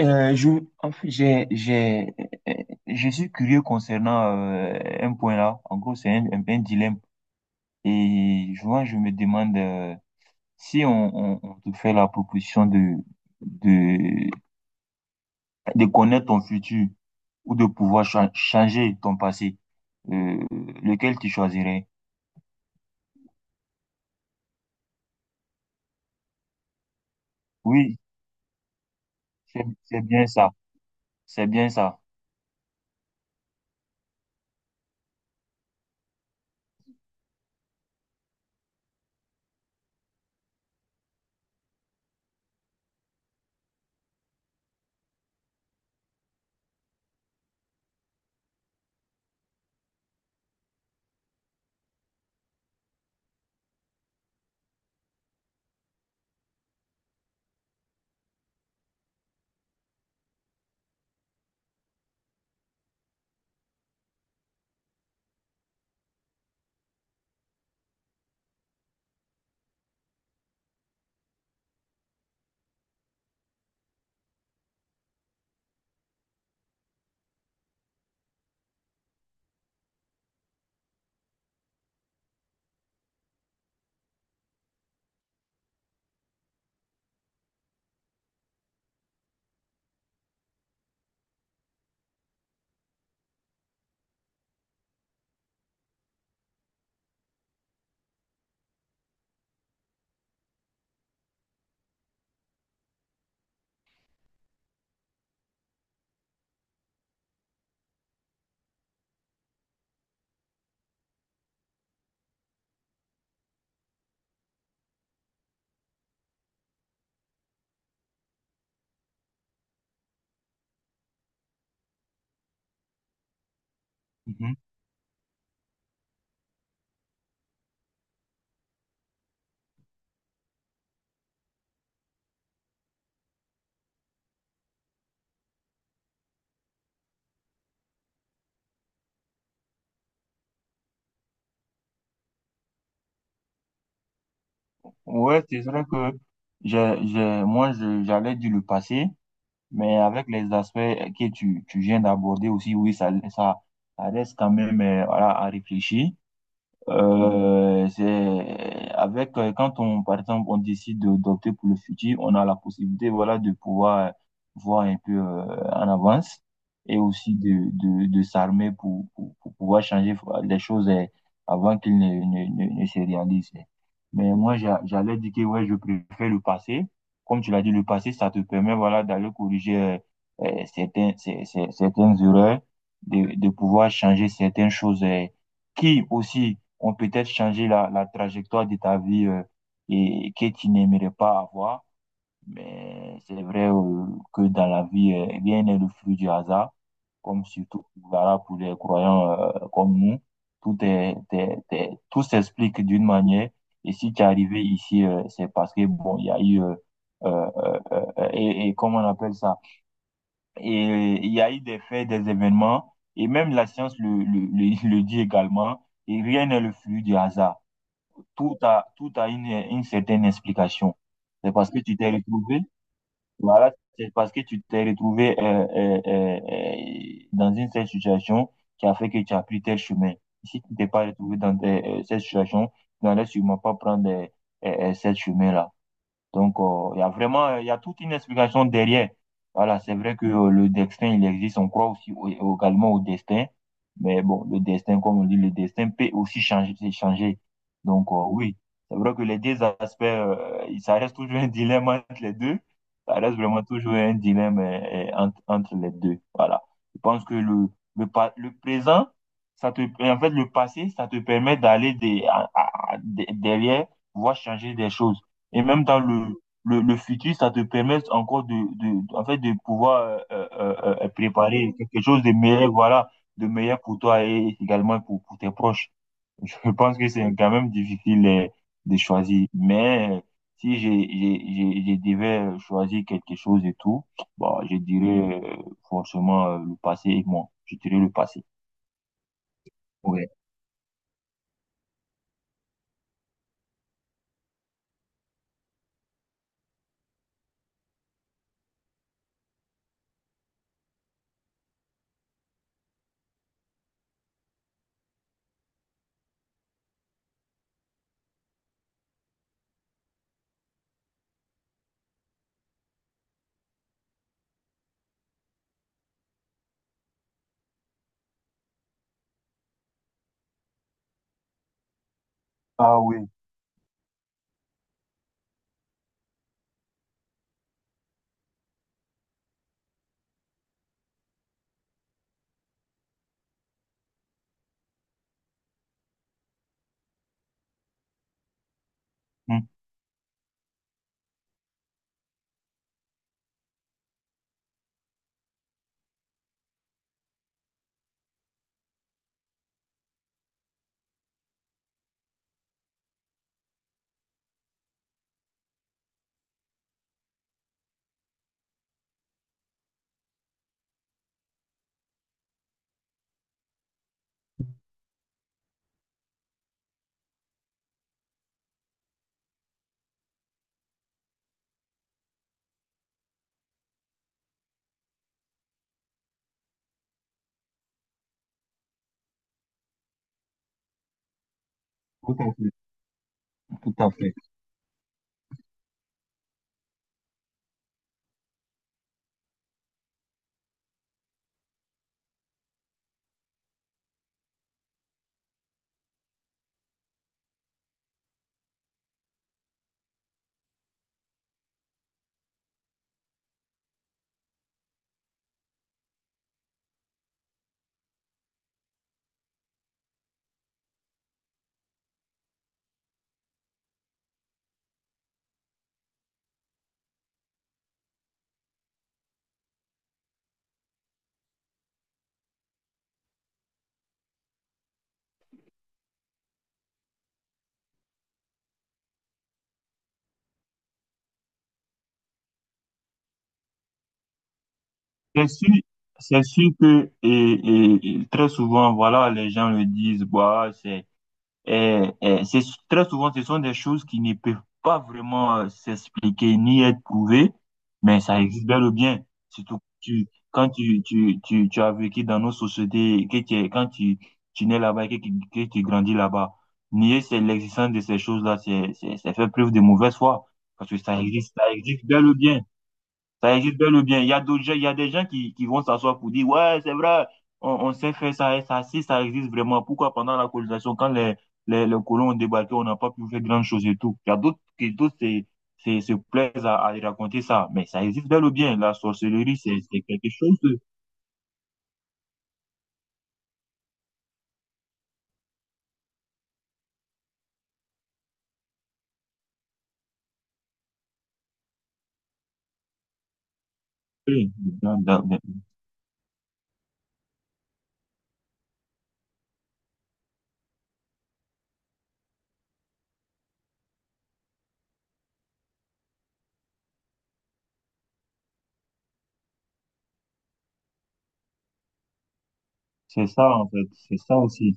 Euh, je, en fait, j'ai, j'ai, euh, je suis curieux concernant un point là. En gros, c'est un dilemme. Je me demande si on te fait la proposition de, de connaître ton futur ou de pouvoir changer ton passé, euh, lequel tu choisirais? Oui, c'est bien ça. C'est bien ça. Mhm. Ouais, c'est vrai que moi, j'allais dire le passé. Mais avec les aspects que tu viens d'aborder aussi, oui, ça reste quand même voilà, à réfléchir. C'est avec quand on par exemple on décide d'opter pour le futur, on a la possibilité voilà de pouvoir voir un peu en avance et aussi de de s'armer pour pour pouvoir changer les choses avant qu'elles ne se réalisent. Mais moi j'allais dire que ouais je préfère le passé. Comme tu l'as dit, le passé ça te permet voilà d'aller corriger certains certaines erreurs, de pouvoir changer certaines choses qui aussi ont peut-être changé la trajectoire de ta vie et que tu n'aimerais pas avoir. Mais c'est vrai que dans la vie, rien n'est le fruit du hasard, comme surtout voilà, pour les croyants comme nous. Tout est, est- est- tout s'explique d'une manière. Et si tu es arrivé ici, c'est parce que, bon, il y a eu, euh, euh, et comment on appelle ça? Et il y a eu des faits, des événements, et même la science le dit également, et rien n'est le fruit du hasard. Tout a, une certaine explication. C'est parce que tu t'es retrouvé, voilà, c'est parce que tu t'es retrouvé dans une telle situation qui a fait que tu as pris tel chemin. Si tu t'es pas retrouvé dans cette situation, tu n'allais sûrement pas prendre cette chemin-là. Donc, il y a vraiment, il y a toute une explication derrière. Voilà, c'est vrai que le destin, il existe. On croit aussi également au destin. Mais bon, le destin, comme on dit, le destin peut aussi changer, c'est changer. Donc, oui, c'est vrai que les deux aspects, ça reste toujours un dilemme entre les deux. Ça reste vraiment toujours un dilemme entre, entre les deux. Voilà. Je pense que le présent, ça te, en fait, le passé, ça te permet d'aller des, à- de- derrière, voir changer des choses. Et même dans le futur, ça te permet encore en fait, de pouvoir préparer quelque chose de meilleur, voilà, de meilleur pour toi et également pour tes proches. Je pense que c'est quand même difficile de choisir. Mais si je devais choisir quelque chose et tout, bon, je dirais forcément le passé et moi. Je dirais le passé. Ouais. Ah oui. Hmm. Tout à fait, tout à fait. C'est sûr, c'est sûr que et très souvent, voilà, les gens le disent, bah, c'est très souvent, ce sont des choses qui ne peuvent pas vraiment s'expliquer ni être prouvées, mais ça existe bel ou bien. Surtout que quand tu as vécu dans nos sociétés, quand tu nais là-bas et que, que tu grandis là-bas, nier c'est l'existence de ces choses-là, c'est faire preuve de mauvaise foi, parce que ça existe bel ou bien. Ça existe bel ou bien. Il y a d'autres gens, il y a des gens qui vont s'asseoir pour dire, ouais, c'est vrai, on sait faire ça et ça, si ça existe vraiment. Pourquoi pendant la colonisation, quand les colons ont débarqué, on n'a pas pu faire grand chose et tout. Il y a d'autres qui, d'autres, se se plaisent à y raconter ça. Mais ça existe bel ou bien. La sorcellerie, c'est quelque chose de, c'est ça, en fait. C'est ça aussi.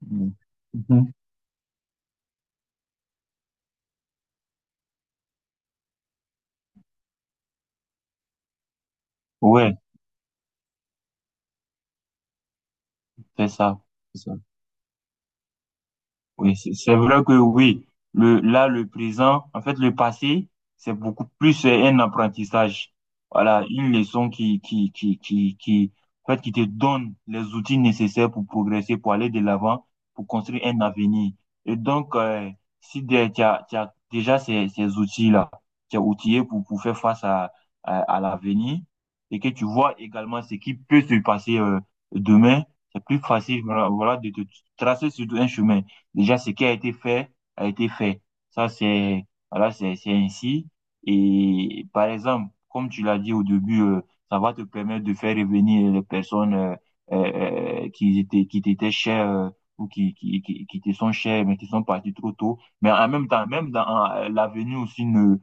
Mhm. Ouais, c'est ça. C'est ça. Oui, c'est vrai que oui, le présent, en fait, le passé, c'est beaucoup plus un apprentissage. Voilà, une leçon qui, en fait, qui te donne les outils nécessaires pour progresser, pour aller de l'avant, pour construire un avenir. Et donc, si tu as déjà ces outils-là, tu es outillé pour faire face à l'avenir et que tu vois également ce qui peut se passer demain, c'est plus facile, voilà, de te tracer surtout un chemin. Déjà ce qui a été fait a été fait. Ça, c'est voilà, c'est ainsi. Et par exemple, comme tu l'as dit au début, ça va te permettre de faire revenir les personnes qui étaient qui t'étaient chères ou qui te sont chères mais qui sont parties trop tôt. Mais en même temps, même dans l'avenir aussi ne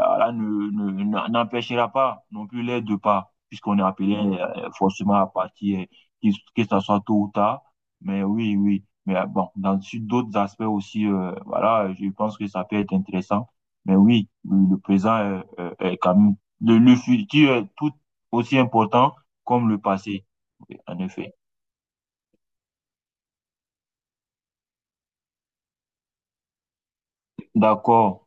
Allah ne, n'empêchera pas non plus les deux pas, puisqu'on est appelé forcément à partir, que que ça soit tôt ou tard. Mais oui, oui. Mais bon, dans sur d'autres aspects aussi, voilà, je pense que ça peut être intéressant. Mais oui, le présent est, est quand même, futur est tout aussi important comme le passé. Oui, en effet. D'accord.